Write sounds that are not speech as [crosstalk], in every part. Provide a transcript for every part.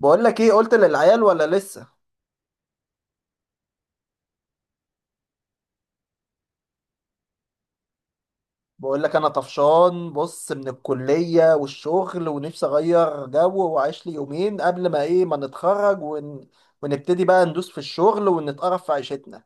بقول لك ايه قلت للعيال ولا لسه؟ بقول لك انا طفشان، بص من الكلية والشغل ونفسي اغير جو واعيش لي يومين قبل ما ايه ما نتخرج ونبتدي بقى ندوس في الشغل ونتقرف في عيشتنا.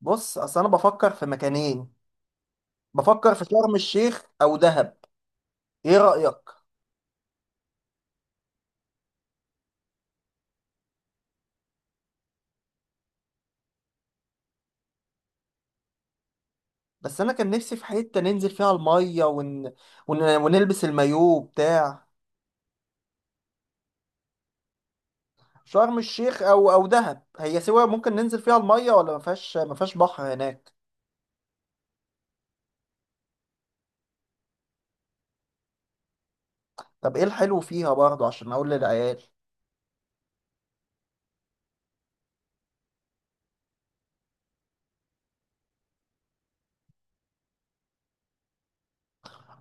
بص اصل انا بفكر في مكانين، بفكر في شرم الشيخ او دهب. ايه رأيك؟ بس انا كان نفسي في حتة ننزل فيها المية ونلبس المايوه بتاع. شرم الشيخ او دهب، هي سوا. ممكن ننزل فيها المية ولا ما فيهاش بحر هناك؟ طب ايه الحلو فيها برضه عشان اقول للعيال؟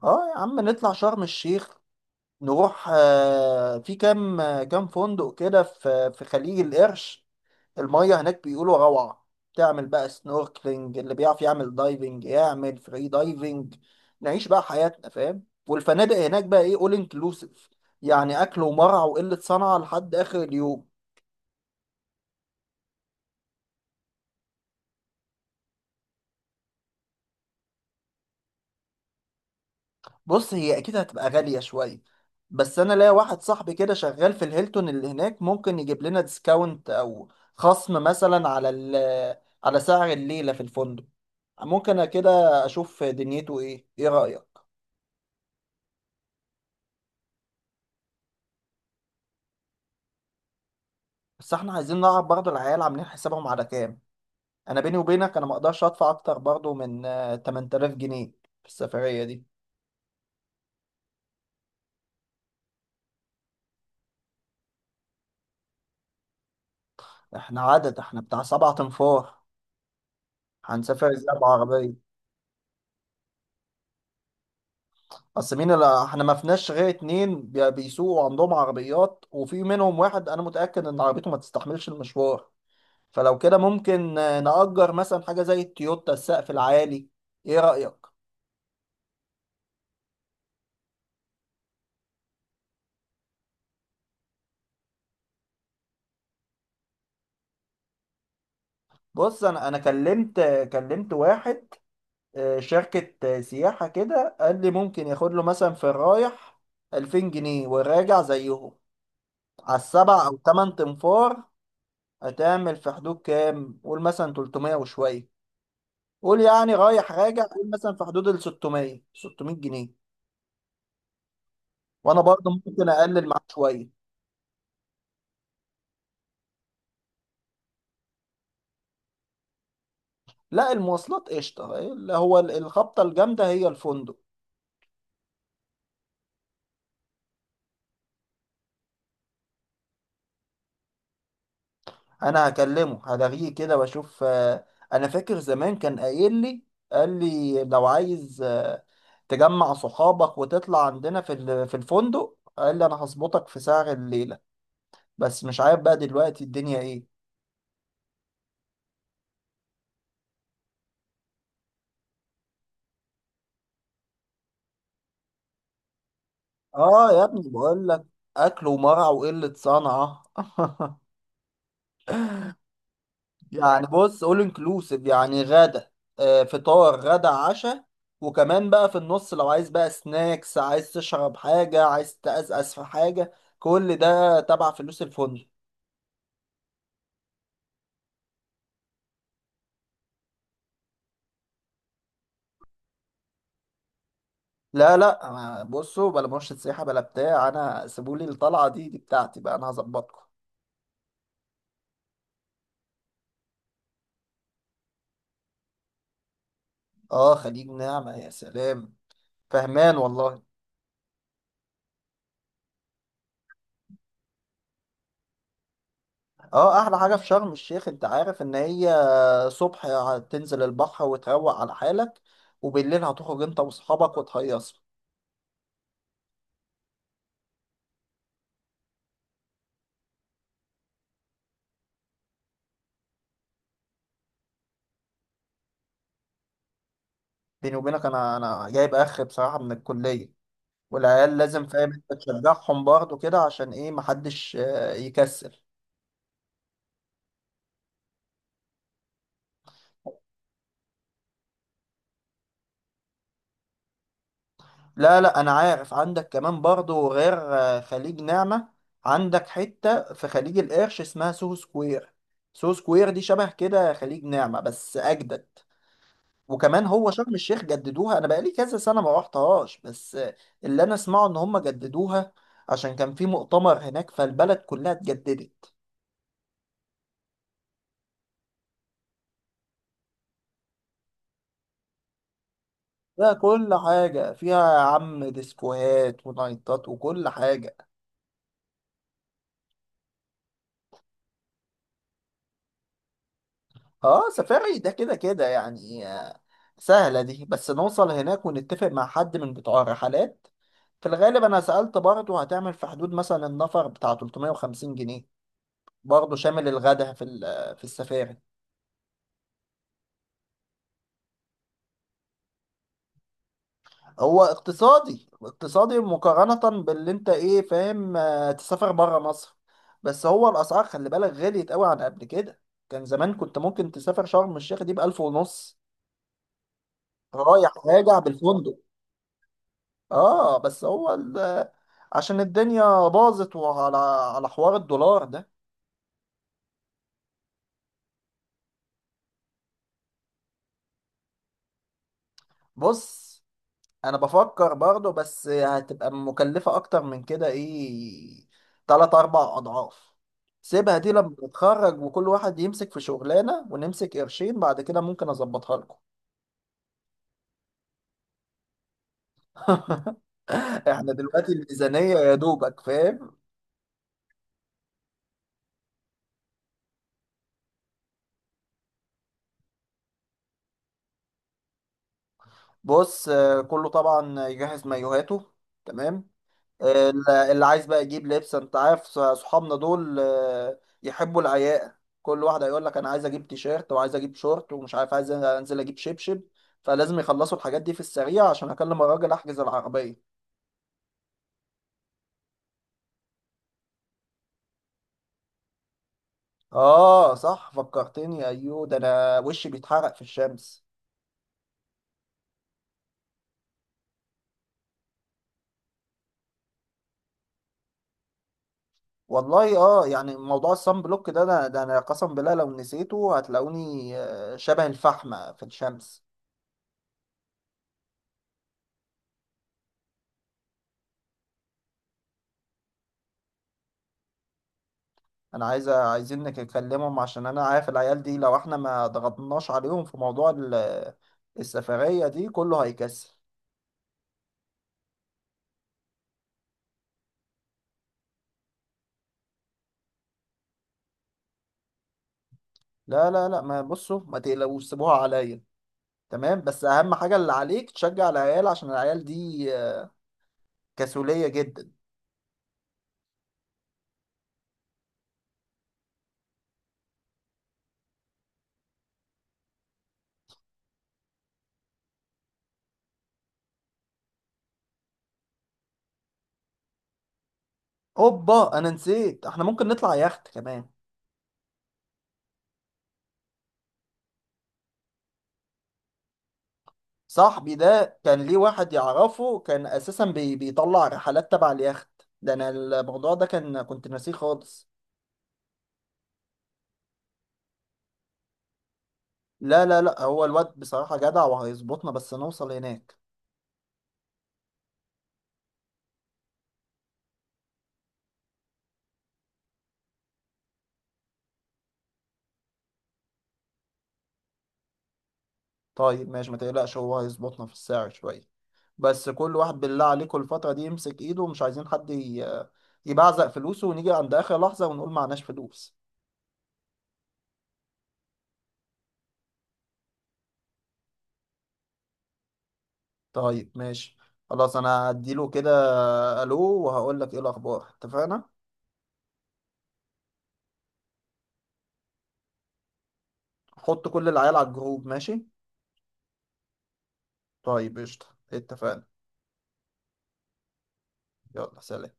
اه يا عم نطلع شرم الشيخ. نروح في كام كام فندق كده في خليج القرش. المية هناك بيقولوا روعة. تعمل بقى سنوركلينج، اللي بيعرف يعمل دايفنج يعمل فري دايفنج. نعيش بقى حياتنا، فاهم، والفنادق هناك بقى ايه اول انكلوسيف. يعني اكل ومرعى وقلة صنعة لحد اخر اليوم. بص هي اكيد هتبقى غالية شوية، بس انا ليا واحد صاحبي كده شغال في الهيلتون اللي هناك ممكن يجيب لنا ديسكاونت او خصم مثلا على على سعر الليلة في الفندق. ممكن أنا كده اشوف دنيته ايه. ايه رأيك؟ بس احنا عايزين نعرف برضه العيال عاملين حسابهم على كام. انا بيني وبينك انا ما اقدرش ادفع اكتر برضه من 8000 جنيه في السفرية دي. احنا عدد احنا بتاع سبعة انفار، هنسافر ازاي بعربية؟ اصل مين اللي احنا ما فيناش غير اتنين بيسوقوا عندهم عربيات، وفي منهم واحد انا متأكد ان عربيته ما تستحملش المشوار. فلو كده ممكن نأجر مثلا حاجة زي التويوتا السقف العالي. ايه رأيك؟ بص انا كلمت واحد، شركة سياحة كده، قال لي ممكن ياخد له مثلا في الرايح 2000 جنيه والراجع زيهم، على السبع او تمن تنفار. هتعمل في حدود كام؟ قول مثلا 300 وشوية، قول يعني رايح راجع قول مثلا في حدود ال 600 600 جنيه، وانا برضه ممكن اقلل معاك شويه. لا المواصلات قشطه، اللي هو الخبطه الجامده هي الفندق. انا هكلمه هلاغيه كده واشوف. انا فاكر زمان كان قايل لي، قال لي لو عايز تجمع صحابك وتطلع عندنا في الفندق، قال لي انا هظبطك في سعر الليله. بس مش عارف بقى دلوقتي الدنيا ايه. اه يا ابني بقول لك، اكل ومرع وقله صنعه [laughs] يعني بص اول انكلوسيف، يعني غدا، فطار غدا عشاء. وكمان بقى في النص لو عايز بقى سناكس، عايز تشرب حاجة، عايز تقزقز في حاجة، كل ده تبع فلوس الفندق. لا لا، بصوا بلا مرشد سياحة بلا بتاع، انا سيبولي الطلعة دي بتاعتي بقى، انا هظبطكم. اه خليج نعمة، يا سلام، فهمان والله. اه احلى حاجة في شرم الشيخ انت عارف ان هي، صبح تنزل البحر وتروق على حالك، وبالليل هتخرج انت واصحابك وتهيصوا. بيني وبينك انا جايب اخر بصراحه من الكليه، والعيال لازم، فاهم، انت تشجعهم برضه كده عشان ايه محدش يكسل. لا لا، انا عارف عندك كمان برضه غير خليج نعمة، عندك حتة في خليج القرش اسمها سوهو سكوير. سوهو سكوير دي شبه كده خليج نعمة بس اجدد. وكمان هو شرم الشيخ جددوها، انا بقالي كذا سنة ما روحتهاش بس آه، اللي انا اسمعه ان هم جددوها، عشان كان في مؤتمر هناك فالبلد كلها اتجددت. لا كل حاجة فيها يا عم، ديسكوهات ونايتات وكل حاجة. اه سفاري ده كده كده يعني سهلة دي، بس نوصل هناك ونتفق مع حد من بتوع الرحلات. في الغالب انا سألت برضه، هتعمل في حدود مثلا النفر بتاع 350 جنيه، برضه شامل الغدا في السفاري. هو اقتصادي اقتصادي مقارنة باللي انت ايه فاهم، تسافر برا مصر. بس هو الاسعار خلي بالك غليت قوي عن قبل كده. كان زمان كنت ممكن تسافر شرم الشيخ دي بـ1500 رايح راجع بالفندق. اه بس هو عشان الدنيا باظت، وعلى على حوار الدولار ده. بص انا بفكر برضه، بس هتبقى مكلفة اكتر من كده ايه، تلات اربع اضعاف. سيبها دي لما نتخرج وكل واحد يمسك في شغلانة ونمسك قرشين، بعد كده ممكن اظبطها لكم. [laughs] احنا دلوقتي الميزانية يا دوبك، فاهم. بص كله طبعا يجهز مايوهاته، تمام. اللي عايز بقى يجيب لبس، انت عارف صحابنا دول يحبوا العياقة. كل واحد هيقول لك انا عايز اجيب تيشيرت وعايز اجيب شورت، ومش عارف عايز انزل اجيب شبشب. فلازم يخلصوا الحاجات دي في السريع عشان اكلم الراجل احجز العربية. اه صح فكرتني، ايوه، ده انا وشي بيتحرق في الشمس. والله اه يعني موضوع الصن بلوك ده، انا قسم بالله لو نسيته هتلاقوني شبه الفحمة في الشمس. انا عايزين نكلمهم عشان انا عارف العيال دي لو احنا ما ضغطناش عليهم في موضوع السفرية دي كله هيكسل. لا لا لا، ما بصوا ما تقلقوش، سيبوها عليا. تمام، بس اهم حاجة اللي عليك تشجع العيال عشان العيال دي كسولية جدا. اوبا انا نسيت، احنا ممكن نطلع يخت كمان. صاحبي ده كان ليه واحد يعرفه، كان اساسا بيطلع رحلات تبع اليخت ده، انا الموضوع ده كان كنت ناسيه خالص. لا لا لا، هو الواد بصراحة جدع وهيظبطنا بس نوصل هناك. طيب ماشي ما تقلقش، هو هيظبطنا في السعر شوية. بس كل واحد بالله عليكم الفترة دي يمسك ايده، ومش عايزين حد يبعزق فلوسه ونيجي عند آخر لحظة ونقول معناش فلوس. طيب ماشي، خلاص انا هديله كده. الو، وهقول لك ايه الاخبار، اتفقنا. حط كل العيال على الجروب، ماشي. طيب قشطة، اتفقنا. يلا سلام.